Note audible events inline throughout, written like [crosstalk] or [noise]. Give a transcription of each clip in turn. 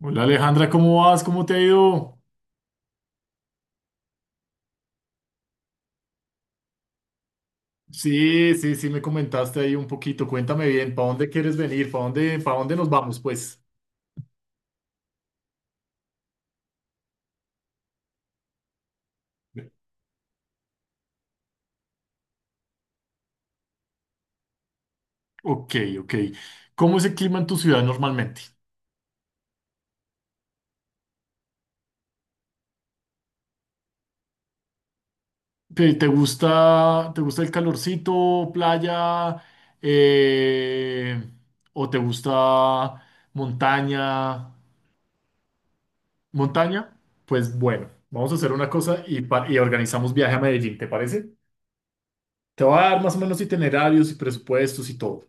Hola Alejandra, ¿cómo vas? ¿Cómo te ha ido? Sí, sí, sí, me comentaste ahí un poquito. Cuéntame bien, ¿para dónde quieres venir? ¿Para dónde nos vamos, pues? Ok, ok. ¿Cómo es el clima en tu ciudad normalmente? ¿Te gusta, te gusta el calorcito, playa, eh, o te gusta montaña? ¿Montaña? Pues bueno, vamos a hacer una cosa y organizamos viaje a Medellín, ¿te parece? Te voy a dar más o menos itinerarios y presupuestos y todo.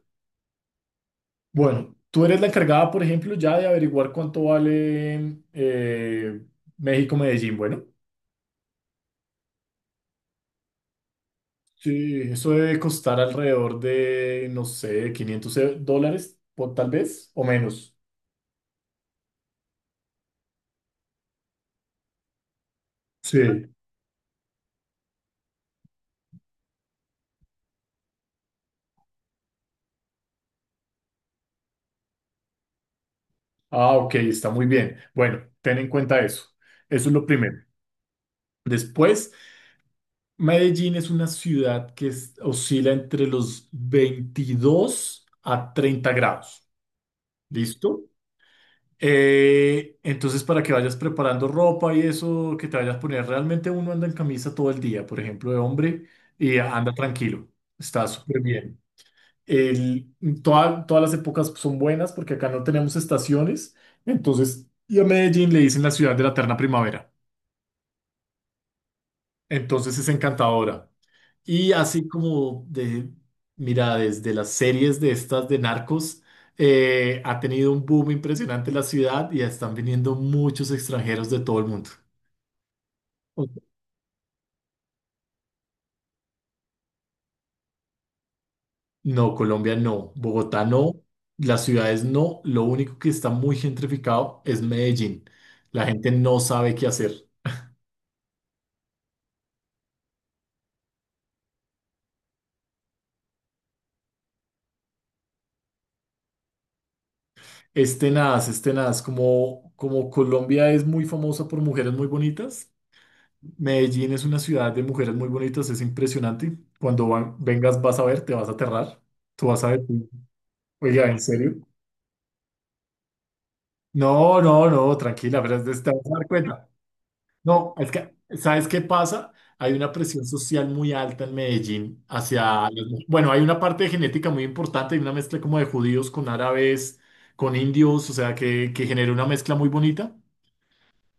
Bueno, tú eres la encargada, por ejemplo, ya de averiguar cuánto vale México-Medellín. Bueno, sí, eso debe costar alrededor de, no sé, 500 dólares, por, tal vez, o menos. Sí. Ah, ok, está muy bien. Bueno, ten en cuenta eso. Eso es lo primero. Después, Medellín es una ciudad que oscila entre los 22 a 30 grados. ¿Listo? Entonces, para que vayas preparando ropa y eso que te vayas a poner, realmente uno anda en camisa todo el día, por ejemplo, de hombre, y anda tranquilo, está súper bien. El, todas las épocas son buenas porque acá no tenemos estaciones, entonces, y a Medellín le dicen la ciudad de la eterna primavera, entonces es encantadora. Y así como de, mira, desde las series de estas de narcos, ha tenido un boom impresionante la ciudad y están viniendo muchos extranjeros de todo el mundo. Ok. No, Colombia no, Bogotá no, las ciudades no, lo único que está muy gentrificado es Medellín. La gente no sabe qué hacer. Es tenaz, como Colombia es muy famosa por mujeres muy bonitas. Medellín es una ciudad de mujeres muy bonitas, es impresionante. Cuando vengas vas a ver, te vas a aterrar. Tú vas a ver, oiga, ¿en serio? No, no, no, tranquila, pero te vas a dar cuenta. No, es que, ¿sabes qué pasa? Hay una presión social muy alta en Medellín hacia Bueno, hay una parte de genética muy importante, hay una mezcla como de judíos con árabes, con indios, o sea, que genera una mezcla muy bonita.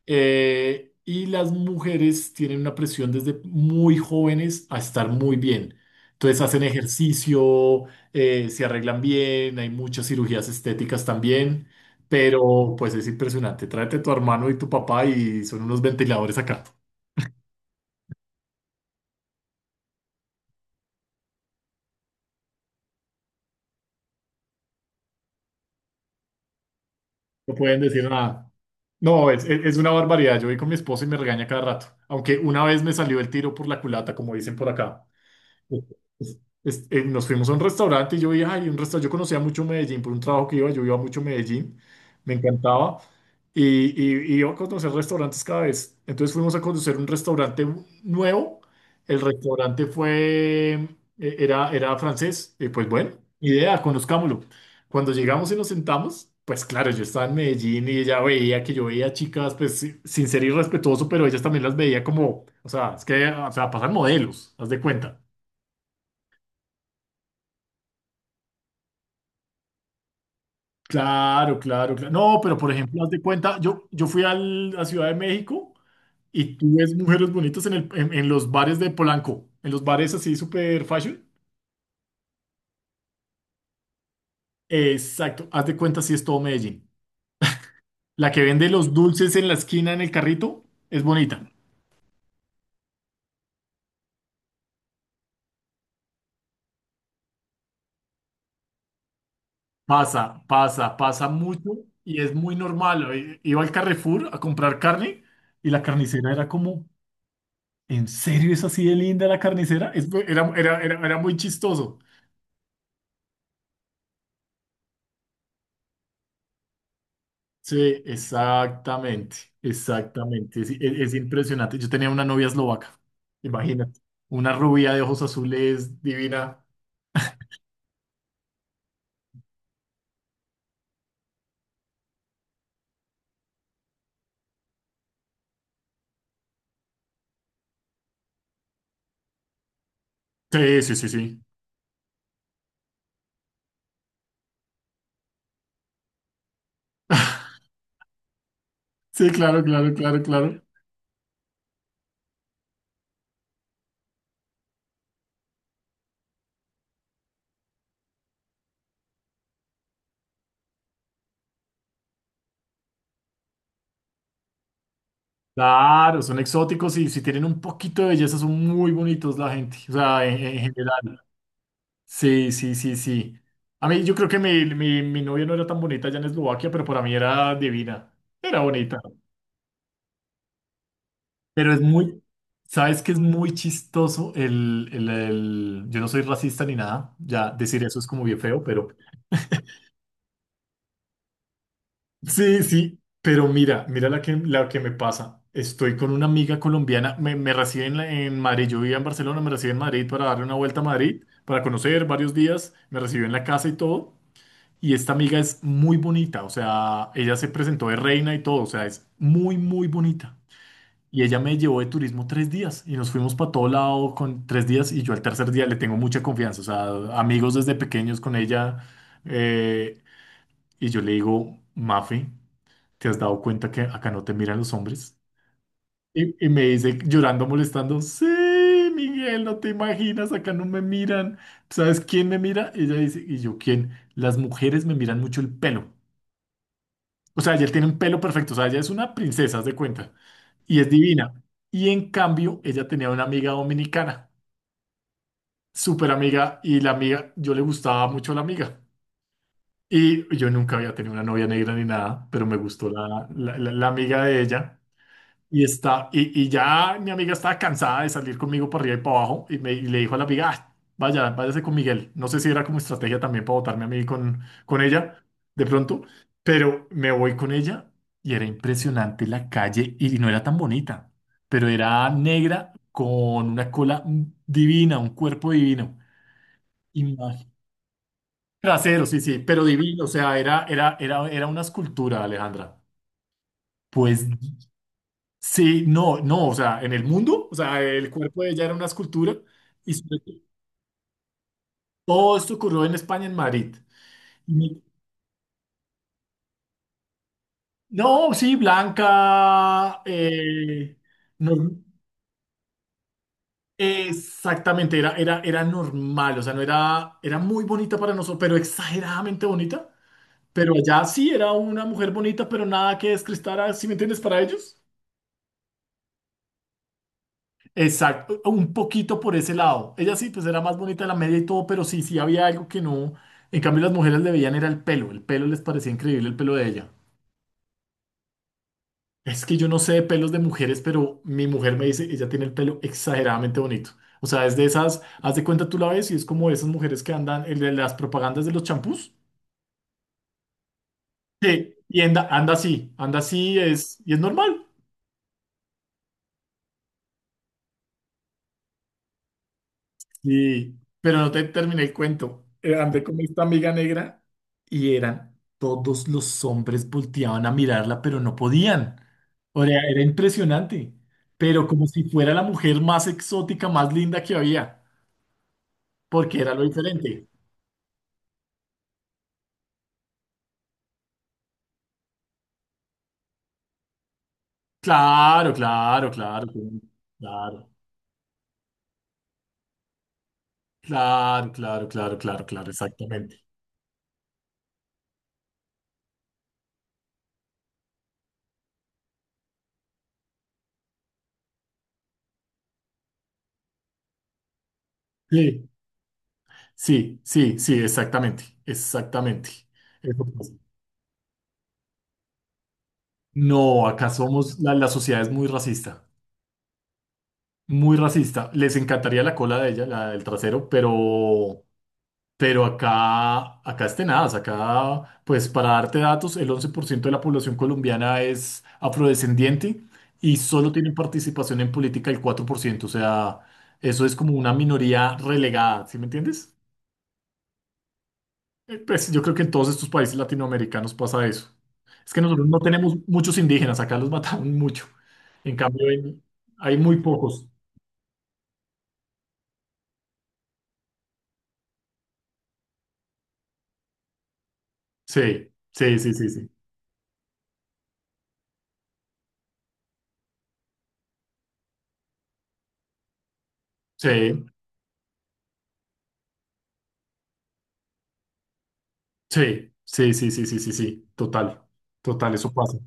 Y las mujeres tienen una presión desde muy jóvenes a estar muy bien. Entonces hacen ejercicio, se arreglan bien, hay muchas cirugías estéticas también, pero pues es impresionante. Tráete a tu hermano y tu papá y son unos ventiladores acá. No pueden decir nada. No, es una barbaridad. Yo voy con mi esposo y me regaña cada rato. Aunque una vez me salió el tiro por la culata, como dicen por acá. es- nos fuimos a un restaurante y yo vi, ay, un restaurante, yo conocía mucho Medellín por un trabajo que iba, yo iba mucho a Medellín, me encantaba y, y iba a conocer restaurantes cada vez. Entonces fuimos a conocer un restaurante nuevo, el restaurante era francés, y pues bueno, idea, conozcámoslo. Cuando llegamos y nos sentamos, pues claro, yo estaba en Medellín y ella veía que yo veía chicas, pues sin ser irrespetuoso, pero ellas también las veía como, o sea, es que, o sea, pasan modelos, haz de cuenta. Claro, claro, claro. No, pero por ejemplo, haz de cuenta, yo fui a Ciudad de México y tú ves mujeres bonitas en los bares de Polanco, en los bares así super fashion. Exacto, haz de cuenta si es todo Medellín. La que vende los dulces en la esquina en el carrito es bonita. Pasa, pasa, pasa mucho y es muy normal. Iba al Carrefour a comprar carne y la carnicera era como, ¿en serio es así de linda la carnicera? Era muy chistoso. Sí, exactamente, exactamente. Es impresionante. Yo tenía una novia eslovaca, imagínate. Una rubia de ojos azules, divina. Sí, sí, sí, sí. [laughs] Sí, claro, claro, claro, claro. Claro, son exóticos y si tienen un poquito de belleza son muy bonitos la gente, o sea, en general. Sí, sí, sí, sí. A mí yo creo que mi novia no era tan bonita allá en Eslovaquia, pero para mí era divina. Era bonita. Pero es muy, ¿sabes que es muy chistoso yo no soy racista ni nada, ya decir eso es como bien feo, pero sí, sí, pero mira la que me pasa. Estoy con una amiga colombiana, me recibe en Madrid, yo vivía en Barcelona, me recibe en Madrid para darle una vuelta a Madrid, para conocer varios días, me recibió en la casa y todo. Y esta amiga es muy bonita, o sea, ella se presentó de reina y todo, o sea, es muy, muy bonita. Y ella me llevó de turismo 3 días y nos fuimos para todo lado con 3 días y yo al tercer día le tengo mucha confianza, o sea, amigos desde pequeños con ella eh, y yo le digo, Mafi, ¿te has dado cuenta que acá no te miran los hombres? Y me dice llorando, molestando, sí, Miguel, no te imaginas, acá no me miran. ¿Sabes quién me mira? Y ella dice, ¿y yo quién? Las mujeres me miran mucho el pelo. O sea, ella tiene un pelo perfecto, o sea, ella es una princesa, haz de cuenta, y es divina. Y en cambio, ella tenía una amiga dominicana, súper amiga, y la amiga, yo le gustaba mucho la amiga. Y yo nunca había tenido una novia negra ni nada, pero me gustó la amiga de ella. Y ya mi amiga estaba cansada de salir conmigo para arriba y para abajo y le dijo a la amiga, "Ah, vaya, váyase con Miguel. No sé si era como estrategia también para botarme a mí con ella de pronto, pero me voy con ella y era impresionante la calle y no era tan bonita, pero era negra con una cola divina, un cuerpo divino. Imagen. Trasero, sí, sí, pero divino, o sea, era una escultura, Alejandra. Pues sí, no, no, o sea, en el mundo, o sea, el cuerpo de ella era una escultura y sobre todo, todo esto ocurrió en España, en Madrid. Y me- no, sí, blanca, no- exactamente, era normal, o sea, no era muy bonita para nosotros, pero exageradamente bonita. Pero allá sí era una mujer bonita, pero nada que descrestara, ¿sí me entiendes? Para ellos. Exacto, un poquito por ese lado. Ella sí, pues era más bonita de la media y todo, pero sí, sí había algo que no. En cambio, las mujeres le veían era el pelo. El pelo les parecía increíble el pelo de ella. Es que yo no sé de pelos de mujeres, pero mi mujer me dice, ella tiene el pelo exageradamente bonito. O sea, es de esas, haz de cuenta tú la ves y es como esas mujeres que andan en las propagandas de los champús. Y anda, anda así, y es normal. Sí, pero no te terminé el cuento. Andé con esta amiga negra y eran todos los hombres volteaban a mirarla, pero no podían. O sea, era impresionante, pero como si fuera la mujer más exótica, más linda que había, porque era lo diferente. Claro, claro, claro, claro, claro, claro, claro, claro, claro, claro, exactamente. Sí, sí, sí, sí, exactamente, exactamente. Eso pasa. No, acá somos, la sociedad es muy racista. Muy racista. Les encantaría la cola de ella, la del trasero, pero, acá es tenaz. Acá, pues para darte datos, el 11% de la población colombiana es afrodescendiente y solo tienen participación en política el 4%. O sea, eso es como una minoría relegada, ¿sí me entiendes? Pues yo creo que en todos estos países latinoamericanos pasa eso. Es que nosotros no tenemos muchos indígenas, acá los mataron [laughs] mucho. En cambio, hay muy pocos. Sí, sí, sí, sí, sí. Sí. Sí, sí, sí, sí, sí, sí, sí, total, total, eso pasa.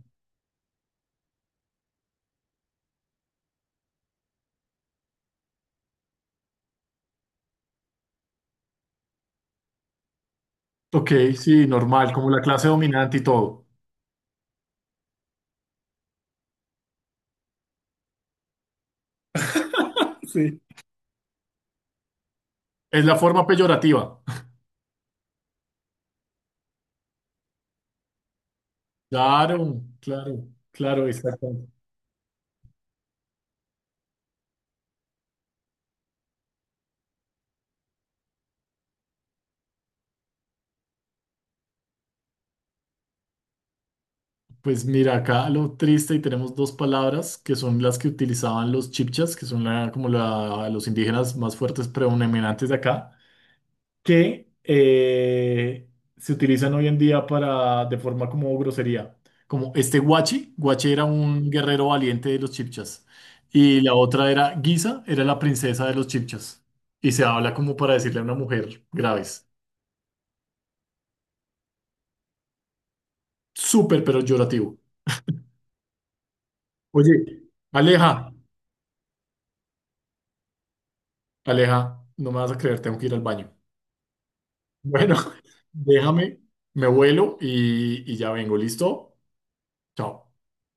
Ok, sí, normal, como la clase dominante y todo. [laughs] Sí. Es la forma peyorativa. Claro, claro, claro, exactamente. Pues mira, acá lo triste y tenemos dos palabras que son las que utilizaban los chipchas, que son los indígenas más fuertes predominantes de acá. Que se utilizan hoy en día para, de forma como grosería. Como este Guachi, Guachi era un guerrero valiente de los Chipchas. Y la otra era Guisa, era la princesa de los Chipchas. Y se habla como para decirle a una mujer graves. Súper, pero llorativo. Oye, Aleja, Aleja, no me vas a creer, tengo que ir al baño. Bueno, [laughs] déjame, me vuelo y ya vengo, ¿listo? Chao.